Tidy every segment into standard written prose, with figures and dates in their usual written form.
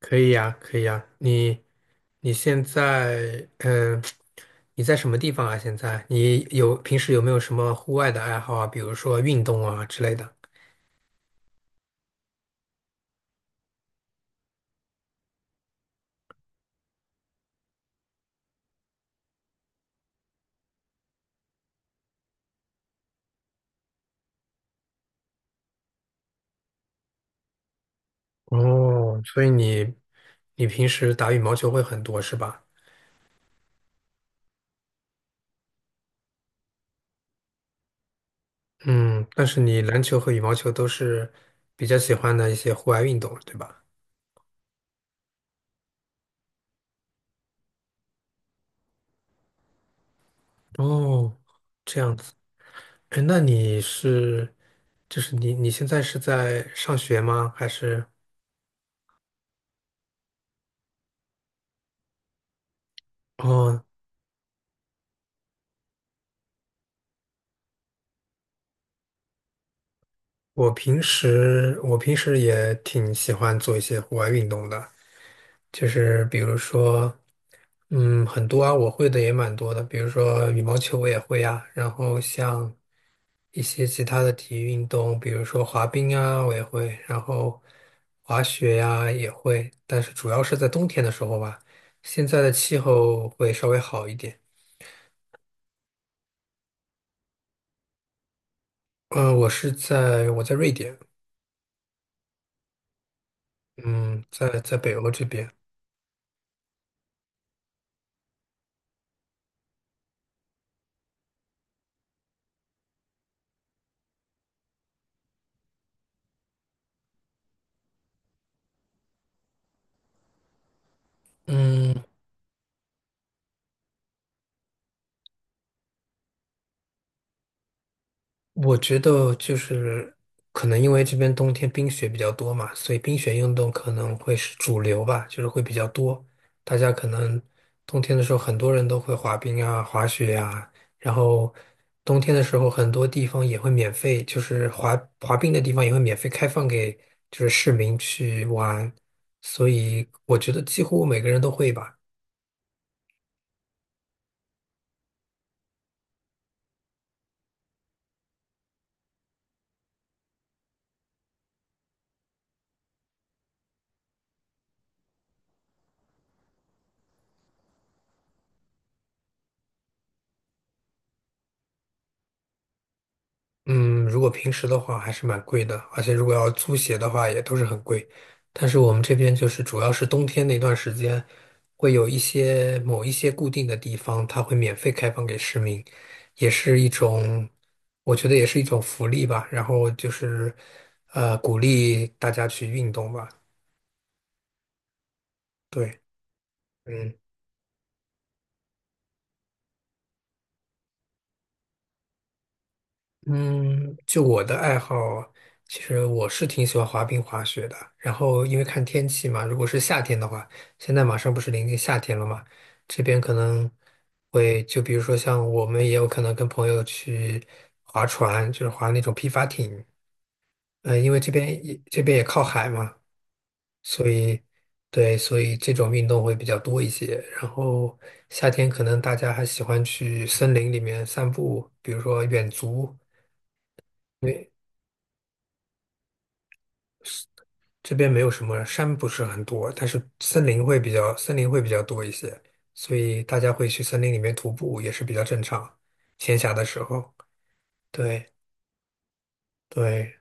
可以呀，可以呀。你现在，你在什么地方啊？现在你有平时有没有什么户外的爱好啊？比如说运动啊之类的。哦，所以你平时打羽毛球会很多是吧？嗯，但是你篮球和羽毛球都是比较喜欢的一些户外运动，对吧？哦，这样子。哎，那你是，就是你现在是在上学吗？还是？哦，我平时也挺喜欢做一些户外运动的，就是比如说，嗯，很多啊，我会的也蛮多的，比如说羽毛球我也会啊，然后像一些其他的体育运动，比如说滑冰啊，我也会，然后滑雪呀、也会，但是主要是在冬天的时候吧，现在的气候会稍微好一点。嗯、我在瑞典，嗯，在北欧这边，嗯。我觉得就是可能因为这边冬天冰雪比较多嘛，所以冰雪运动可能会是主流吧，就是会比较多。大家可能冬天的时候，很多人都会滑冰啊、滑雪啊，然后冬天的时候，很多地方也会免费，就是滑冰的地方也会免费开放给就是市民去玩，所以我觉得几乎每个人都会吧。嗯，如果平时的话还是蛮贵的，而且如果要租鞋的话也都是很贵。但是我们这边就是主要是冬天那段时间，会有某一些固定的地方，它会免费开放给市民，也是一种，我觉得也是一种福利吧。然后就是，鼓励大家去运动吧。对，嗯。嗯，就我的爱好，其实我是挺喜欢滑冰、滑雪的。然后因为看天气嘛，如果是夏天的话，现在马上不是临近夏天了嘛，这边可能会就比如说像我们也有可能跟朋友去划船，就是划那种皮划艇。嗯，因为这边也靠海嘛，所以对，所以这种运动会比较多一些。然后夏天可能大家还喜欢去森林里面散步，比如说远足。这边没有什么山，不是很多，但是森林会比较多一些，所以大家会去森林里面徒步也是比较正常。闲暇的时候，对对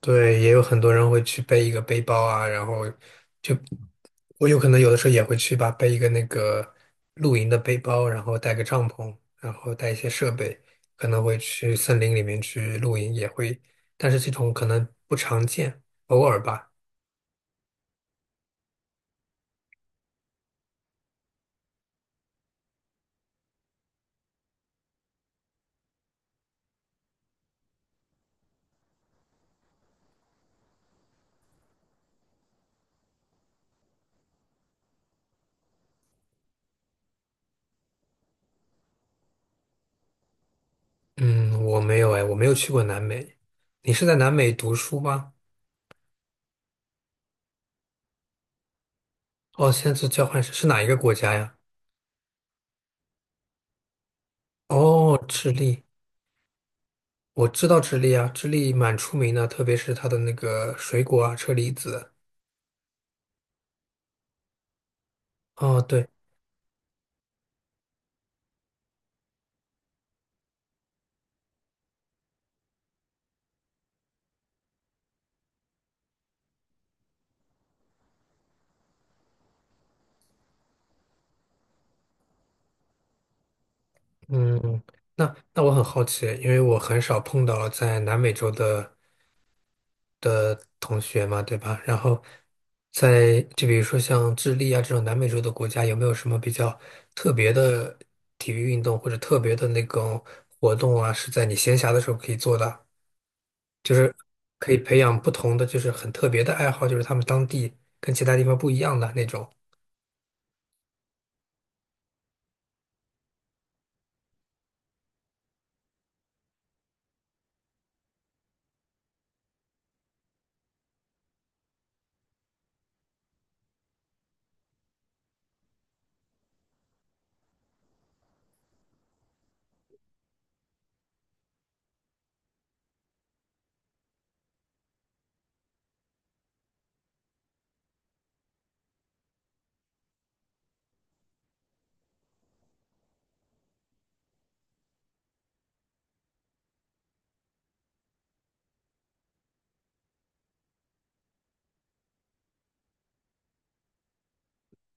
对，也有很多人会去背一个背包啊，然后就我有可能有的时候也会去吧，背一个那个露营的背包，然后带个帐篷，然后带一些设备，可能会去森林里面去露营，也会，但是这种可能不常见，偶尔吧。嗯，我没有哎，我没有去过南美。你是在南美读书吗？哦，现在是交换生，是哪一个国家呀？哦，智利，我知道智利啊，智利蛮出名的，特别是它的那个水果啊，车厘子。哦，对，嗯，那那我很好奇，因为我很少碰到在南美洲的。同学嘛，对吧？然后在就比如说像智利啊这种南美洲的国家，有没有什么比较特别的体育运动或者特别的那种活动啊，是在你闲暇的时候可以做的？就是可以培养不同的，就是很特别的爱好，就是他们当地跟其他地方不一样的那种。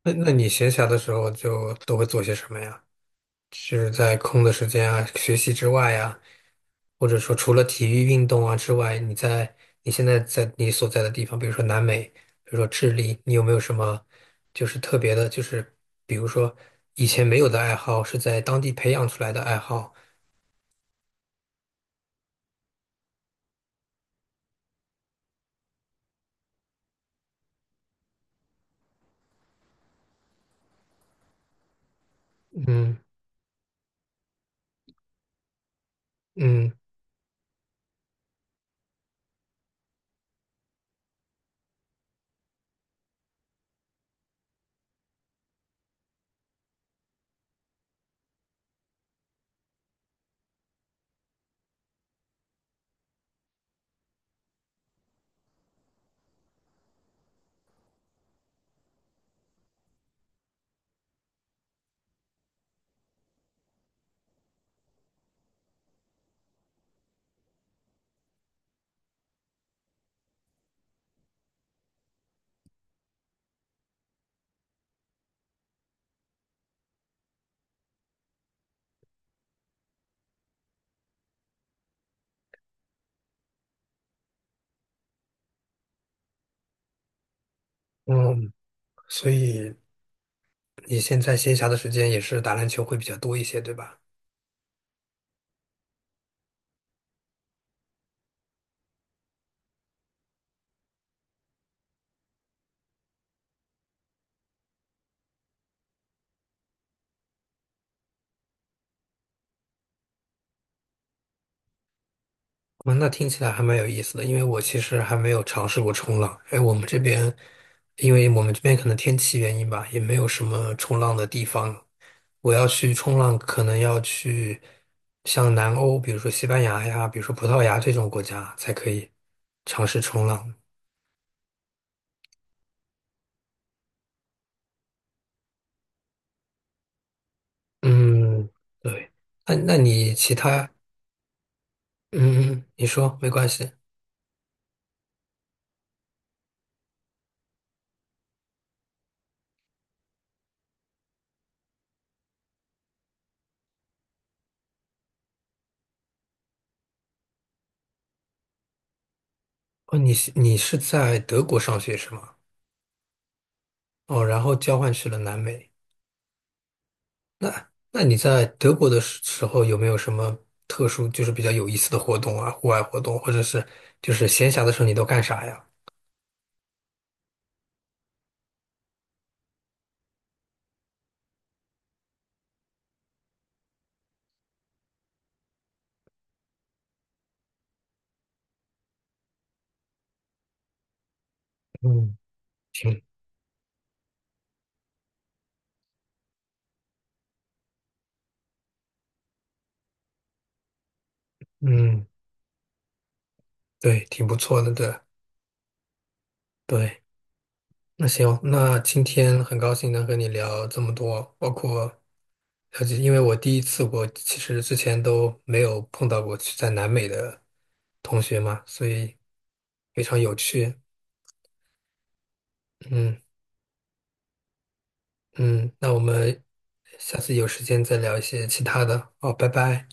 那那你闲暇的时候就都会做些什么呀？是在空的时间啊，学习之外呀？或者说除了体育运动啊之外，你现在在你所在的地方，比如说南美，比如说智利，你有没有什么就是特别的，就是比如说以前没有的爱好，是在当地培养出来的爱好？嗯嗯嗯，所以你现在闲暇的时间也是打篮球会比较多一些，对吧？嗯，那听起来还蛮有意思的，因为我其实还没有尝试过冲浪。哎，我们这边，因为我们这边可能天气原因吧，也没有什么冲浪的地方。我要去冲浪，可能要去像南欧，比如说西班牙呀，比如说葡萄牙这种国家才可以尝试冲浪。嗯，对。那那你其他，嗯，你说没关系。哦，你是在德国上学是吗？哦，然后交换去了南美。那那你在德国的时候有没有什么特殊，就是比较有意思的活动啊，户外活动，或者是就是闲暇的时候你都干啥呀？嗯，挺，嗯，对，挺不错的，对。对，那行，那今天很高兴能和你聊这么多，包括了解，因为我第一次我其实之前都没有碰到过去在南美的同学嘛，所以非常有趣。嗯嗯，那我们下次有时间再聊一些其他的。好，拜拜。